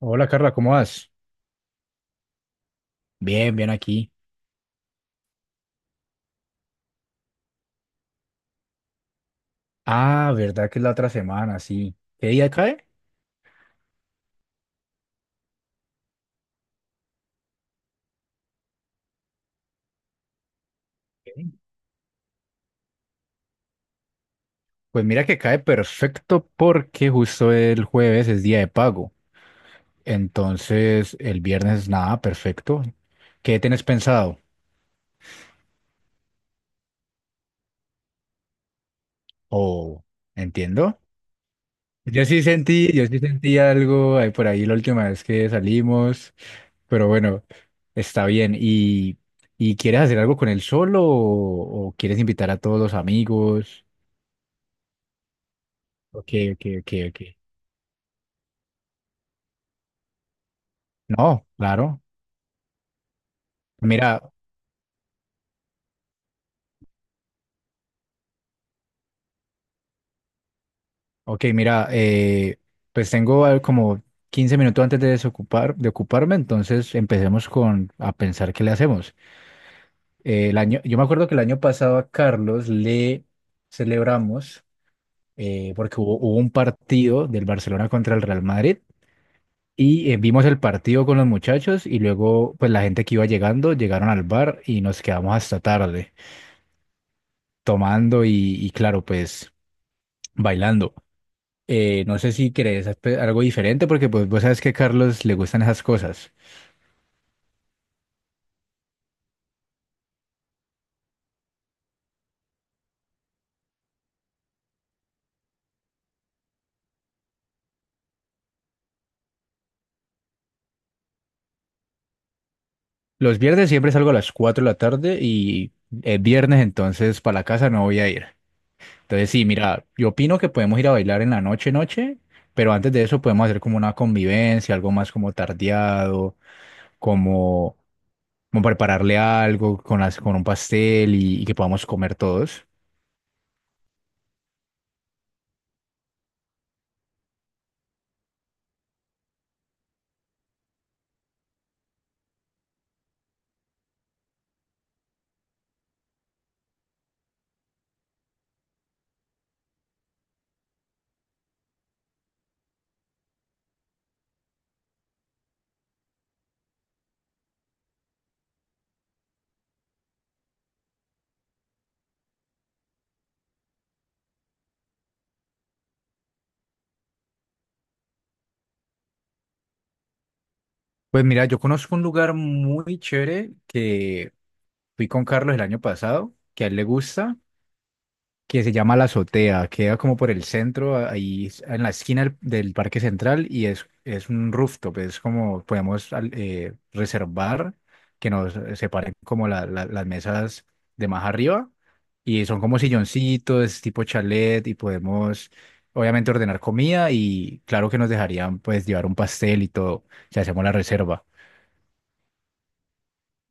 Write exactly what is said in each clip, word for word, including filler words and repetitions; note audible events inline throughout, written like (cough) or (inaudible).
Hola Carla, ¿cómo vas? Bien, bien aquí. Ah, verdad que es la otra semana, sí. ¿Qué día cae? Ok. Pues mira que cae perfecto porque justo el jueves es día de pago. Entonces el viernes nada, perfecto. ¿Qué tenés pensado? Oh, entiendo. Yo sí sentí, yo sí sentí algo ahí por ahí la última vez que salimos, pero bueno, está bien. ¿Y, y quieres hacer algo con él solo o, o quieres invitar a todos los amigos? Ok, ok, ok, ok. No, claro. Mira, ok, mira, eh, pues tengo al- como quince minutos antes de desocupar, de ocuparme, entonces empecemos con a pensar qué le hacemos. Eh, el año, yo me acuerdo que el año pasado a Carlos le celebramos eh, porque hubo, hubo un partido del Barcelona contra el Real Madrid y eh, vimos el partido con los muchachos y luego pues la gente que iba llegando llegaron al bar y nos quedamos hasta tarde tomando y y claro, pues bailando. Eh, no sé si querés hacer algo diferente porque pues vos sabes que a Carlos le gustan esas cosas. Los viernes siempre salgo a las cuatro de la tarde y es viernes, entonces para la casa no voy a ir. Entonces sí, mira, yo opino que podemos ir a bailar en la noche, noche, pero antes de eso podemos hacer como una convivencia, algo más como tardeado, como, como prepararle algo con, las, con un pastel y, y que podamos comer todos. Pues mira, yo conozco un lugar muy chévere que fui con Carlos el año pasado, que a él le gusta. Que se llama La Azotea, queda como por el centro, ahí en la esquina del, del Parque Central y es, es un rooftop, es como podemos al- eh, reservar que nos separen como la- la- las mesas de más arriba y son como silloncitos, tipo chalet y podemos obviamente ordenar comida y claro que nos dejarían pues llevar un pastel y todo si hacemos la reserva.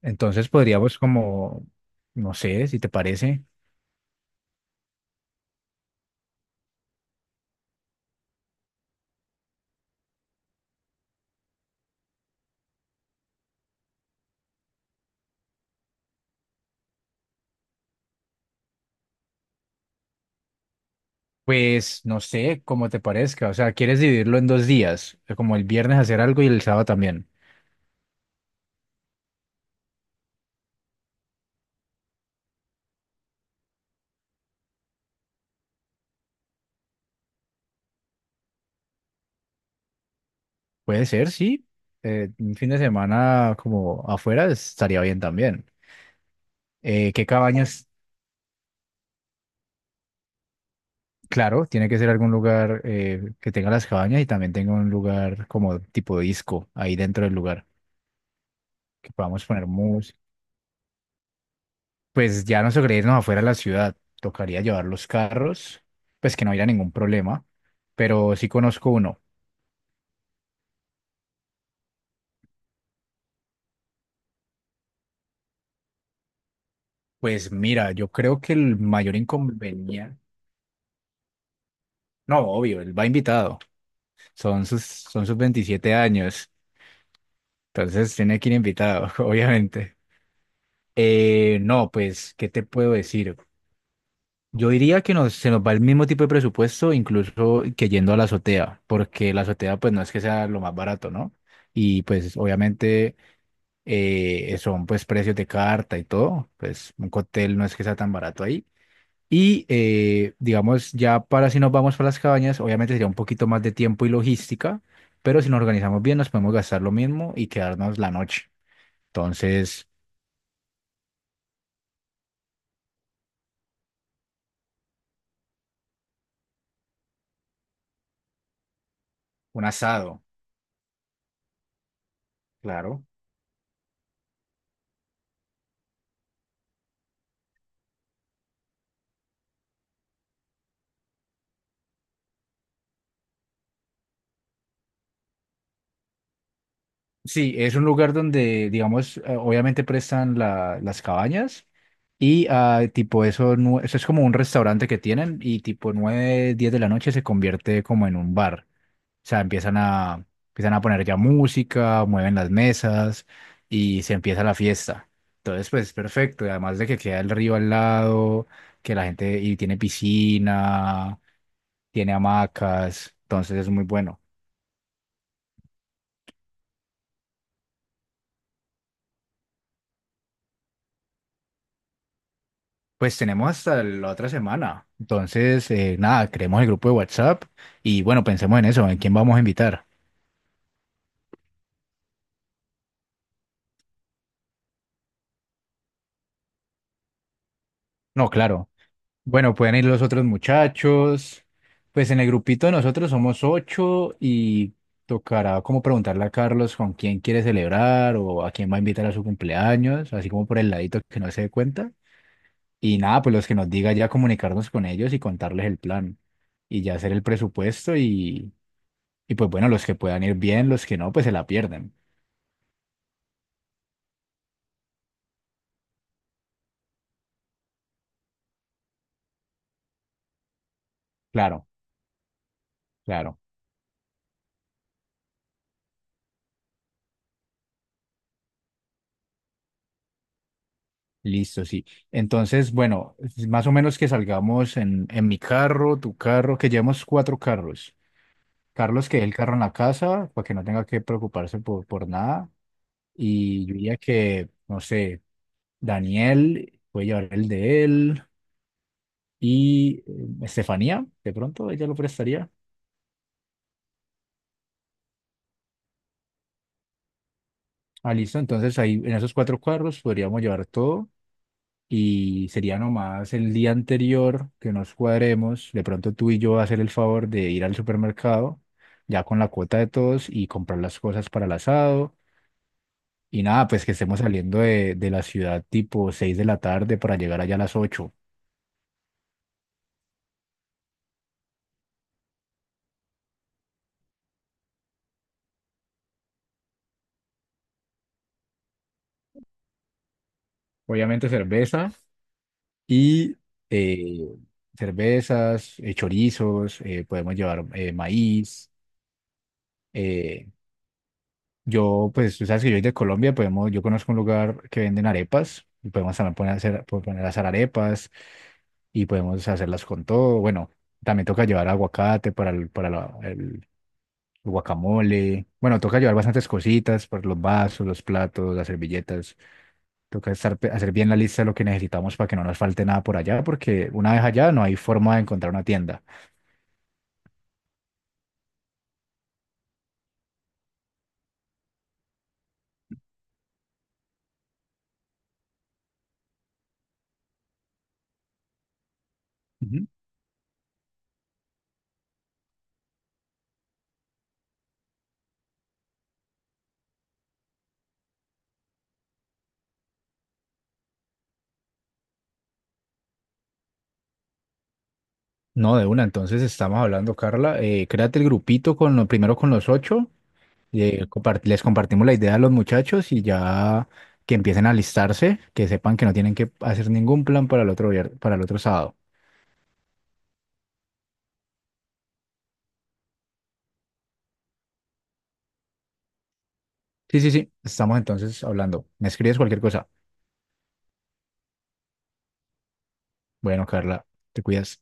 Entonces podríamos como, no sé, si te parece. Pues no sé cómo te parezca, o sea, ¿quieres dividirlo en dos días? Eh, Como el viernes hacer algo y el sábado también. Puede ser, sí. Eh, un fin de semana como afuera estaría bien también. Eh, ¿qué cabañas? Claro, tiene que ser algún lugar eh, que tenga las cabañas y también tenga un lugar como tipo disco ahí dentro del lugar, que podamos poner música. Pues ya no tocaría irnos afuera de la ciudad, tocaría llevar los carros, pues que no haya ningún problema, pero sí conozco uno. Pues mira, yo creo que el mayor inconveniente, no, obvio, él va invitado, son sus, son sus veintisiete años, entonces tiene que ir invitado, (laughs) obviamente. Eh, no, pues, ¿qué te puedo decir? Yo diría que nos, se nos va el mismo tipo de presupuesto, incluso que yendo a la azotea, porque la azotea pues no es que sea lo más barato, ¿no? Y pues obviamente eh, son pues precios de carta y todo, pues un cóctel no es que sea tan barato ahí. Y eh, digamos, ya para si nos vamos para las cabañas, obviamente sería un poquito más de tiempo y logística, pero si nos organizamos bien nos podemos gastar lo mismo y quedarnos la noche. Entonces, un asado, claro. Sí, es un lugar donde, digamos, eh, obviamente prestan la- las cabañas y ah, tipo eso, nue- eso es como un restaurante que tienen y tipo nueve diez de la noche se convierte como en un bar. O sea, empiezan a, empiezan a poner ya música, mueven las mesas y se empieza la fiesta. Entonces, pues perfecto. Y además de que queda el río al lado, que la gente y tiene piscina, tiene hamacas, entonces es muy bueno. Pues tenemos hasta la otra semana. Entonces, eh, nada, creemos el grupo de WhatsApp y bueno, pensemos en eso, en quién vamos a invitar. No, claro. Bueno, pueden ir los otros muchachos. Pues en el grupito nosotros somos ocho y tocará como preguntarle a Carlos con quién quiere celebrar o a quién va a invitar a su cumpleaños, así como por el ladito que no se dé cuenta. Y nada, pues los que nos diga ya comunicarnos con ellos y contarles el plan y ya hacer el presupuesto y, y pues bueno, los que puedan ir bien, los que no, pues se la pierden. Claro, claro. Listo, sí. Entonces, bueno, más o menos que salgamos en, en mi carro, tu carro, que llevemos cuatro carros. Carlos que deje el carro en la casa para que no tenga que preocuparse por, por nada. Y yo diría que, no sé, Daniel puede llevar el de él y eh, Estefanía, de pronto ella lo prestaría. Ah, listo. Entonces ahí en esos cuatro carros podríamos llevar todo y sería nomás el día anterior que nos cuadremos. De pronto tú y yo hacer el favor de ir al supermercado ya con la cuota de todos y comprar las cosas para el asado. Y nada, pues que estemos saliendo de, de la ciudad tipo seis de la tarde para llegar allá a las ocho. Obviamente cerveza y eh, cervezas, eh, chorizos, eh, podemos llevar eh, maíz. eh, yo, pues tú sabes que yo soy de Colombia, podemos, yo conozco un lugar que venden arepas y podemos también poner a hacer, po- poner a hacer arepas y podemos hacerlas con todo. Bueno, también toca llevar aguacate para el, para la- el- guacamole. Bueno, toca llevar bastantes cositas, por los vasos, los platos, las servilletas. Toca estar, pe- hacer bien la lista de lo que necesitamos para que no nos falte nada por allá, porque una vez allá no hay forma de encontrar una tienda. Ujú. No, de una, entonces estamos hablando, Carla. Eh, créate el grupito con lo, primero con los ocho. eh, compart- les compartimos la idea a los muchachos y ya que empiecen a listarse, que sepan que no tienen que hacer ningún plan para el otro, vier- para el otro sábado. Sí, sí, sí, estamos entonces hablando. ¿Me escribes cualquier cosa? Bueno, Carla, te cuidas.